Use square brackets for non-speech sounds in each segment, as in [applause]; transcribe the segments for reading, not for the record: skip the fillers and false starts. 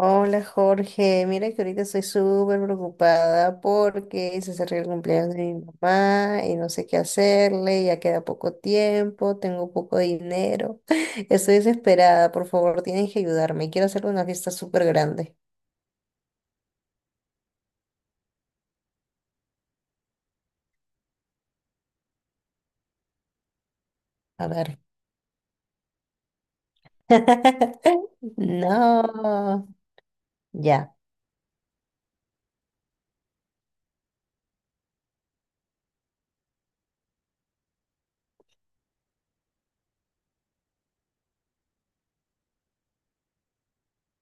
Hola Jorge, mira que ahorita estoy súper preocupada porque se acerca el cumpleaños de mi mamá y no sé qué hacerle, ya queda poco tiempo, tengo poco dinero, [laughs] estoy desesperada, por favor tienes que ayudarme, quiero hacerle una fiesta súper grande. A ver. [laughs] No, ya,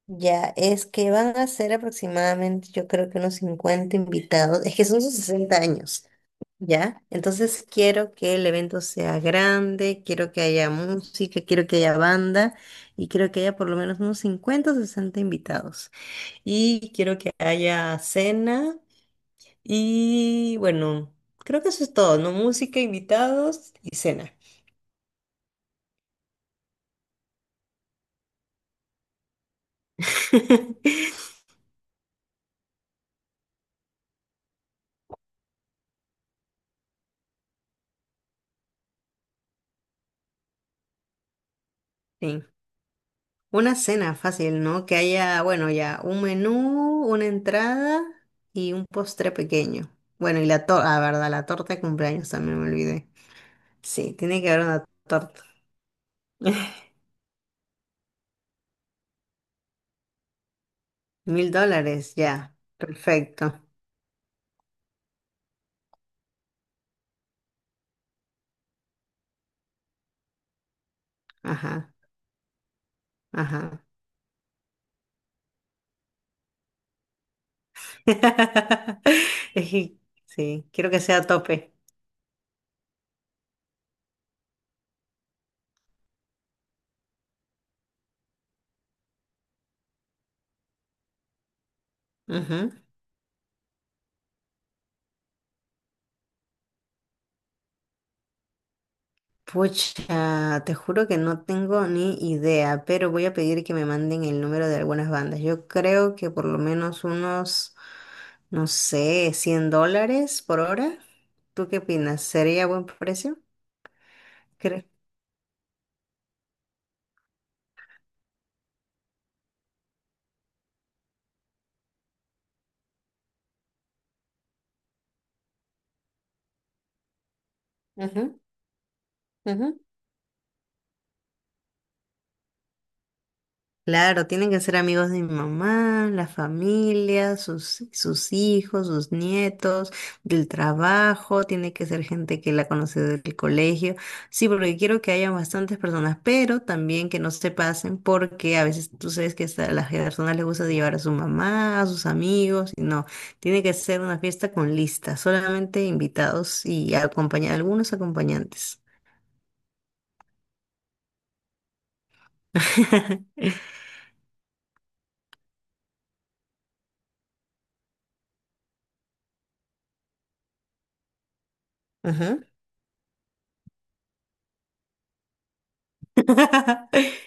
ya, es que van a ser aproximadamente yo creo que unos 50 invitados, es que son sus 60 años. ¿Ya? Entonces quiero que el evento sea grande, quiero que haya música, quiero que haya banda y quiero que haya por lo menos unos 50 o 60 invitados. Y quiero que haya cena y bueno, creo que eso es todo, ¿no? Música, invitados y cena. [laughs] Sí, una cena fácil, ¿no? Que haya, bueno, ya un menú, una entrada y un postre pequeño. Bueno, y la torta, ah, verdad, la torta de cumpleaños también me olvidé. Sí, tiene que haber una torta. [laughs] $1000, ya. Perfecto. Ajá, ajá. [laughs] Es que, sí, quiero que sea a tope. Ujú. Pucha, te juro que no tengo ni idea, pero voy a pedir que me manden el número de algunas bandas. Yo creo que por lo menos unos, no sé, $100 por hora. ¿Tú qué opinas? ¿Sería buen precio? Creo. Ujú, ujú. Claro, tienen que ser amigos de mi mamá, la familia, sus hijos, sus nietos, del trabajo, tiene que ser gente que la conoce del colegio. Sí, porque quiero que haya bastantes personas, pero también que no se pasen porque a veces tú sabes que a las personas les gusta llevar a su mamá, a sus amigos, y no, tiene que ser una fiesta con lista, solamente invitados y algunos acompañantes. [laughs] Ajá. [laughs]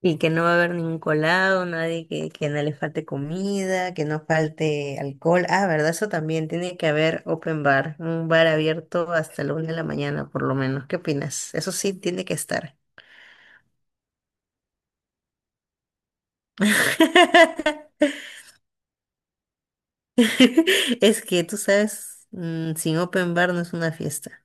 Y que no va a haber ningún colado, nadie que, que no le falte comida, que no falte alcohol. Ah, ¿verdad? Eso también tiene que haber open bar, un bar abierto hasta la una de la mañana, por lo menos. ¿Qué opinas? Eso sí tiene que estar. [laughs] Es que tú sabes, sin open bar no es una fiesta.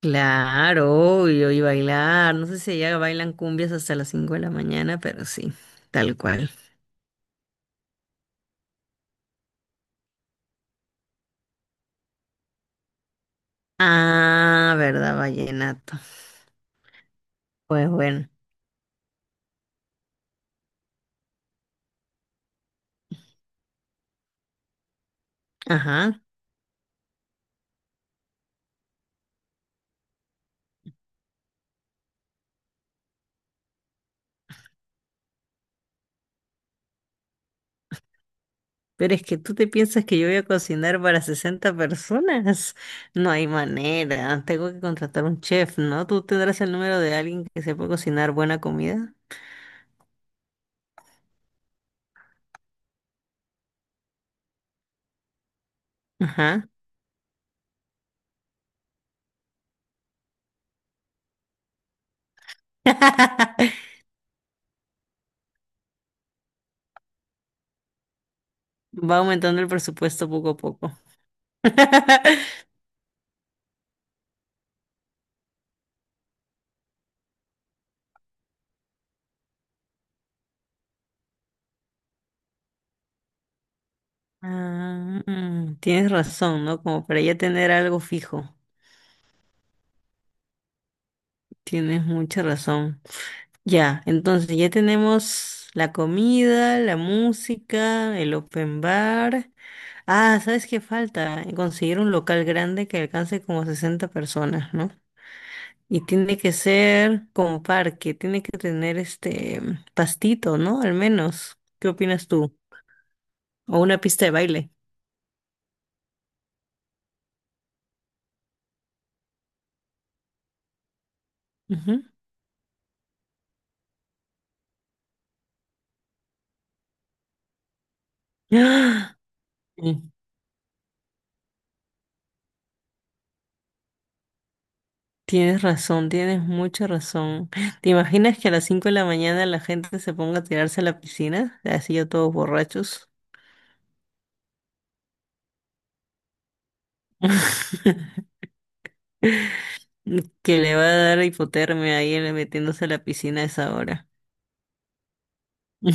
Claro, obvio, y bailar. No sé si allá bailan cumbias hasta las 5 de la mañana, pero sí, tal cual. Ah, verdad, vallenato. Pues bueno, ajá. Pero es que tú te piensas que yo voy a cocinar para 60 personas. [laughs] No hay manera. Tengo que contratar un chef, ¿no? ¿Tú tendrás el número de alguien que sepa cocinar buena comida? Ajá. [laughs] Va aumentando el presupuesto poco a poco. [laughs] Ah, tienes razón, ¿no? Como para ya tener algo fijo. Tienes mucha razón. Ya, entonces ya tenemos la comida, la música, el open bar. Ah, ¿sabes qué falta? Conseguir un local grande que alcance como 60 personas, ¿no? Y tiene que ser como parque, tiene que tener este pastito, ¿no? Al menos. ¿Qué opinas tú? O una pista de baile. Ujú. ¡Ah! Mm, Tienes razón, tienes mucha razón. ¿Te imaginas que a las 5 de la mañana la gente se ponga a tirarse a la piscina? Así yo todos borrachos. [laughs] Que le va a dar hipotermia ahí él metiéndose a la piscina a esa hora. [laughs] Ujú,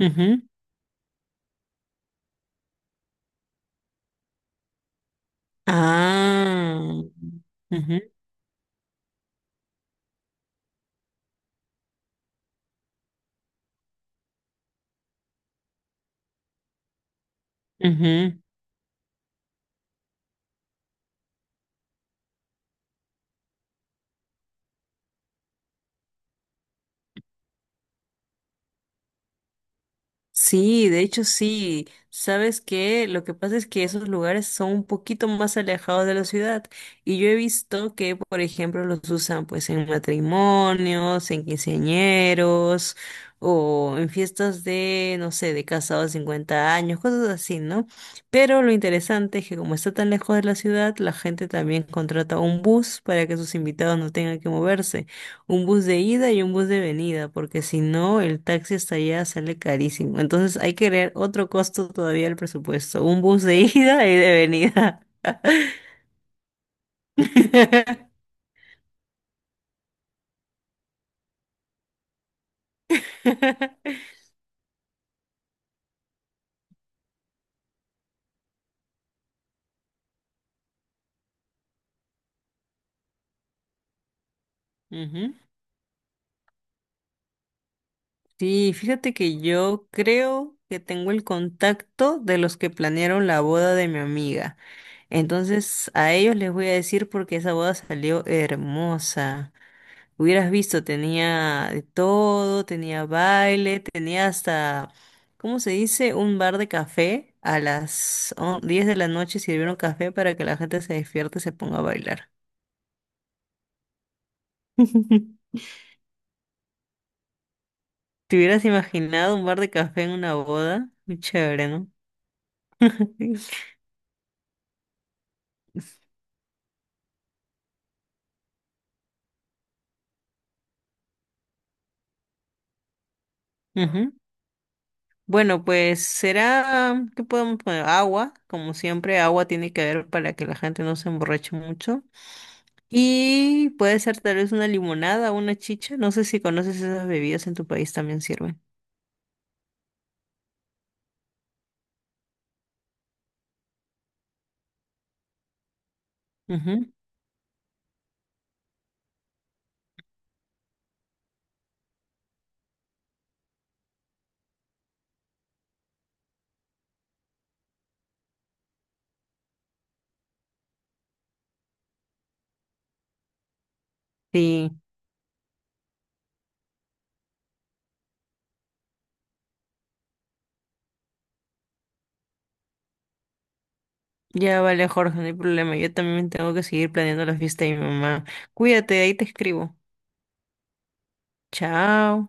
ujú. Ah, ujú, ujú. Sí, de hecho sí. ¿Sabes qué? Lo que pasa es que esos lugares son un poquito más alejados de la ciudad y yo he visto que, por ejemplo, los usan pues en matrimonios, en quinceañeros o en fiestas de, no sé, de casados de 50 años, cosas así, ¿no? Pero lo interesante es que como está tan lejos de la ciudad, la gente también contrata un bus para que sus invitados no tengan que moverse un bus de ida y un bus de venida, porque si no, el taxi hasta allá sale carísimo. Entonces hay que ver otro costo todavía al presupuesto, un bus de [laughs] ida y de venida. [laughs] Ujú. Sí, fíjate que yo creo que tengo el contacto de los que planearon la boda de mi amiga. Entonces a ellos les voy a decir porque esa boda salió hermosa. Hubieras visto, tenía de todo, tenía baile, tenía hasta, ¿cómo se dice? Un bar de café. A las 10 de la noche sirvieron café para que la gente se despierte y se ponga a bailar. [laughs] ¿Te hubieras imaginado un bar de café en una boda? Muy chévere, ¿no? [laughs] Ujú. Bueno, pues será, ¿qué podemos poner? Agua, como siempre, agua tiene que haber para que la gente no se emborrache mucho. Y puede ser tal vez una limonada, una chicha. No sé si conoces esas bebidas en tu país también sirven. Ujú. Sí, ya vale, Jorge, no hay problema. Yo también tengo que seguir planeando la fiesta de mi mamá. Cuídate, ahí te escribo. Chao.